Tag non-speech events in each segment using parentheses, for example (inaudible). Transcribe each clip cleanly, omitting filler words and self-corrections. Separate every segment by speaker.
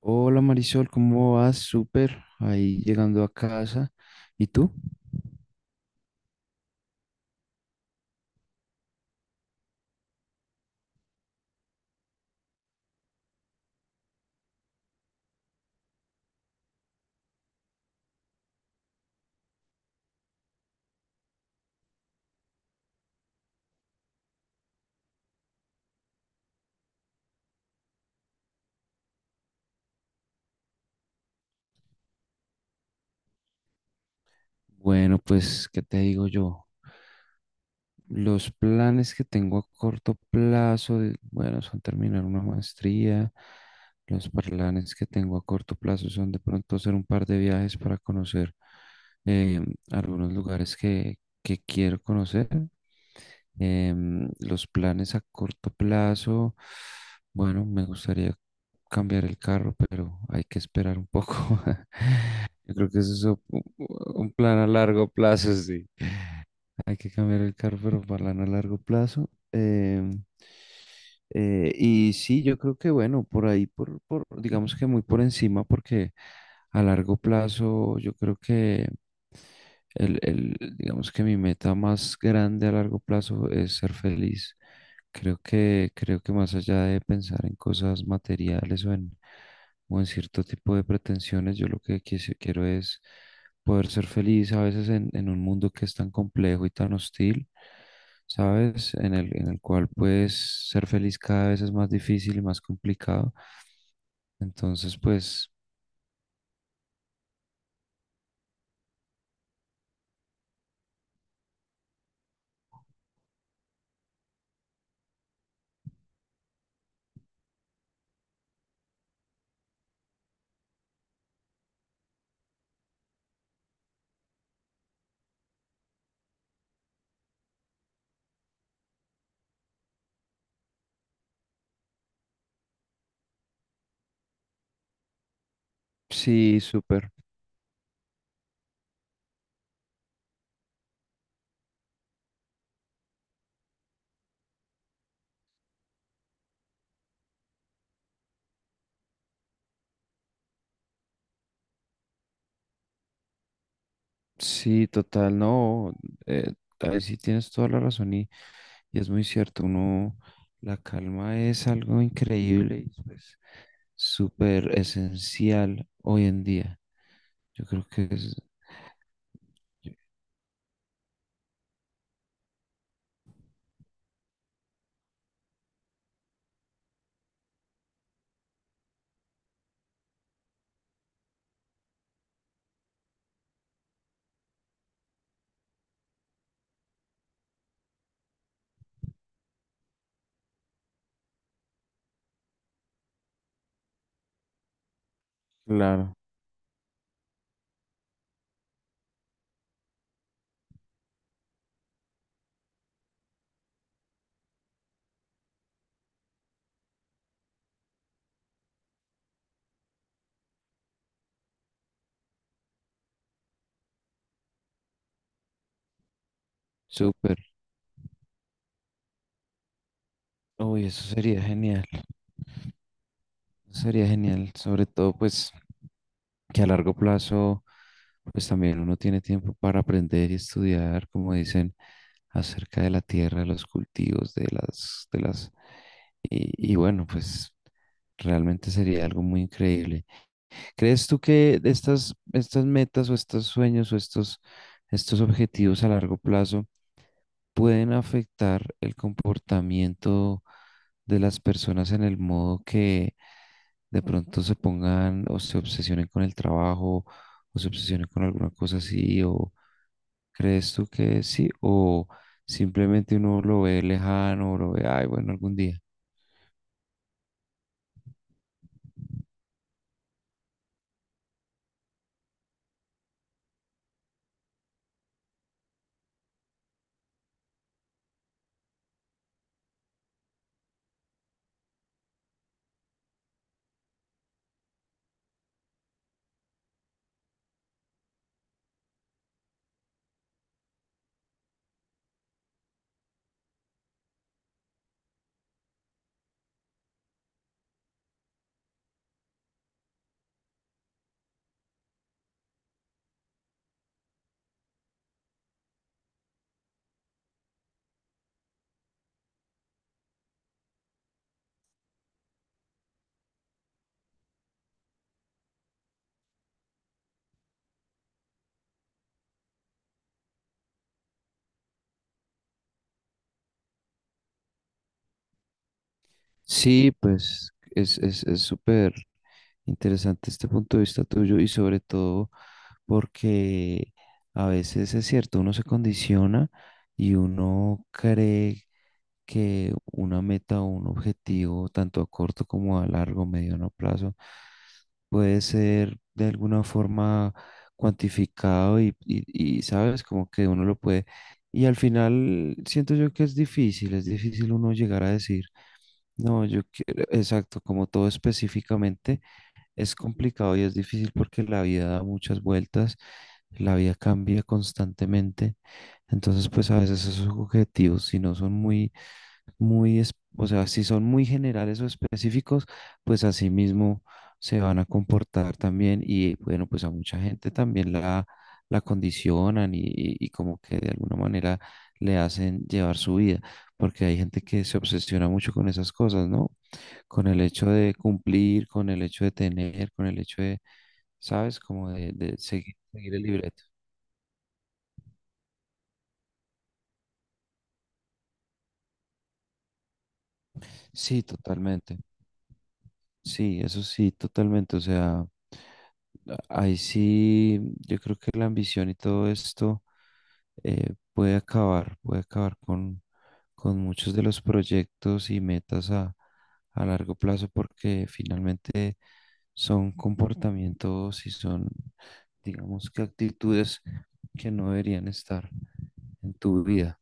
Speaker 1: Hola Marisol, ¿cómo vas? Súper, ahí llegando a casa. ¿Y tú? Bueno, pues, ¿qué te digo yo? Los planes que tengo a corto plazo, bueno, son terminar una maestría. Los planes que tengo a corto plazo son de pronto hacer un par de viajes para conocer eh, algunos lugares que quiero conocer. Los planes a corto plazo, bueno, me gustaría cambiar el carro, pero hay que esperar un poco. (laughs) Yo creo que eso es un plan a largo plazo, sí. Hay que cambiar el carro, pero plan a largo plazo. Y sí, yo creo que bueno, por ahí, por, digamos que muy por encima, porque a largo plazo yo creo que el, digamos que mi meta más grande a largo plazo es ser feliz. Creo que más allá de pensar en cosas materiales o en cierto tipo de pretensiones, yo lo que quiero es poder ser feliz a veces en un mundo que es tan complejo y tan hostil, ¿sabes? En el cual pues ser feliz cada vez es más difícil y más complicado. Entonces, pues sí, súper. Sí, total, no. eh, Ahí sí tienes toda la razón y es muy cierto, uno, la calma es algo increíble y pues súper esencial hoy en día. Yo creo que es. Claro. Súper. Uy, eso sería genial. Eso sería genial, sobre todo pues que a largo plazo pues también uno tiene tiempo para aprender y estudiar, como dicen, acerca de la tierra, de los cultivos, de las, y bueno, pues realmente sería algo muy increíble. ¿Crees tú que estas metas o estos sueños o estos objetivos a largo plazo pueden afectar el comportamiento de las personas en el modo que de pronto se pongan o se obsesionen con el trabajo o se obsesionen con alguna cosa así, o crees tú que sí, o simplemente uno lo ve lejano o lo ve, ay, bueno, algún día. Sí, pues es súper interesante este punto de vista tuyo, y sobre todo porque a veces es cierto, uno se condiciona y uno cree que una meta o un objetivo, tanto a corto como a largo, mediano plazo, puede ser de alguna forma cuantificado y, sabes, como que uno lo puede. Y al final siento yo que es difícil uno llegar a decir, no, yo quiero, exacto, como todo específicamente es complicado y es difícil porque la vida da muchas vueltas, la vida cambia constantemente, entonces pues a veces esos objetivos, si no son muy muy, o sea, si son muy generales o específicos, pues así mismo se van a comportar también y bueno, pues a mucha gente también la condicionan y como que de alguna manera le hacen llevar su vida, porque hay gente que se obsesiona mucho con esas cosas, ¿no? Con el hecho de cumplir, con el hecho de tener, con el hecho de, ¿sabes? Como de seguir el libreto. Sí, totalmente. Sí, eso sí, totalmente. O sea, ahí sí, yo creo que la ambición y todo esto puede acabar con muchos de los proyectos y metas a largo plazo, porque finalmente son comportamientos y son, digamos que actitudes que no deberían estar en tu vida.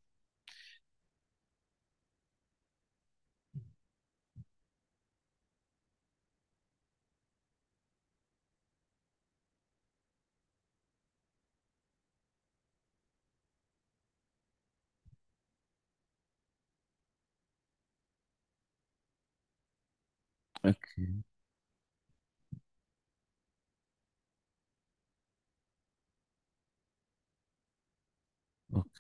Speaker 1: Ok, ok.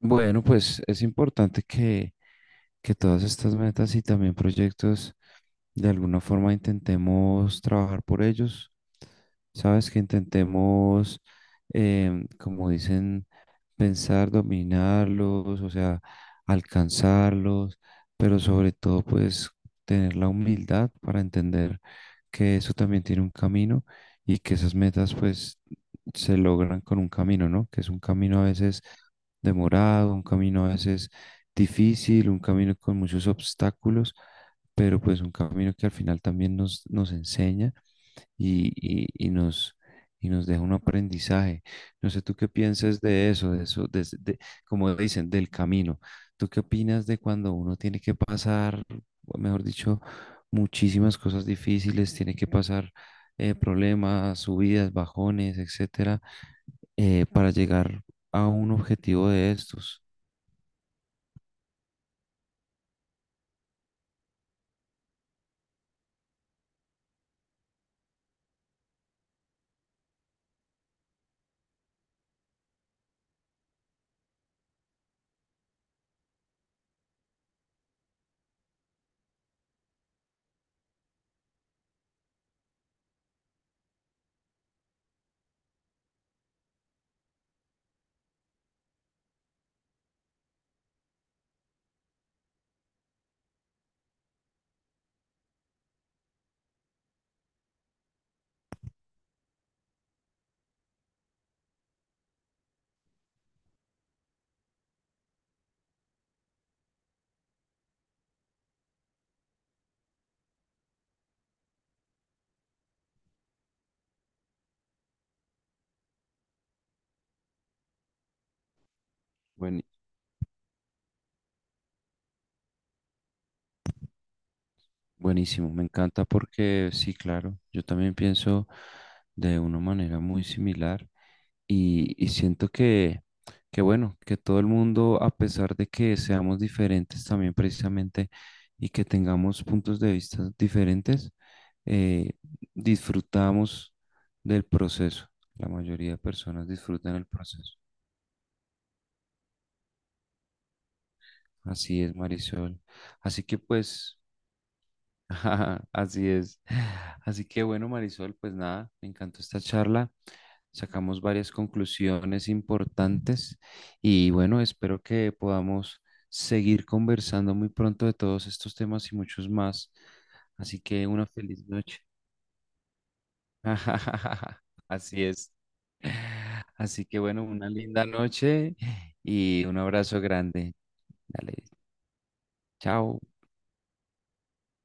Speaker 1: Bueno, pues es importante que todas estas metas y también proyectos de alguna forma intentemos trabajar por ellos. Sabes que intentemos, como dicen, pensar, dominarlos, o sea, alcanzarlos, pero sobre todo pues tener la humildad para entender que eso también tiene un camino y que esas metas pues se logran con un camino, ¿no? Que es un camino a veces demorado, un camino a veces difícil, un camino con muchos obstáculos, pero pues un camino que al final también nos enseña y, y- y nos, y nos deja un aprendizaje. No sé tú qué piensas de eso, como dicen, del camino. ¿Tú qué opinas de cuando uno tiene que pasar, mejor dicho, muchísimas cosas difíciles, tiene que pasar problemas, subidas, bajones, etcétera, para llegar a un objetivo de estos? Buen- Buenísimo, me encanta porque sí, claro, yo también pienso de una manera muy similar. Y siento que, bueno, que todo el mundo, a pesar de que seamos diferentes también precisamente y que tengamos puntos de vista diferentes, eh, disfrutamos del proceso. La mayoría de personas disfrutan el proceso. Así es, Marisol. Así que pues, (laughs) ajá, así es. Así que bueno, Marisol, pues nada, me encantó esta charla. Sacamos varias conclusiones importantes y bueno, espero que podamos seguir conversando muy pronto de todos estos temas y muchos más. Así que una feliz noche. (laughs) Así es. Así que bueno, una linda noche y un abrazo grande. Dale, chao.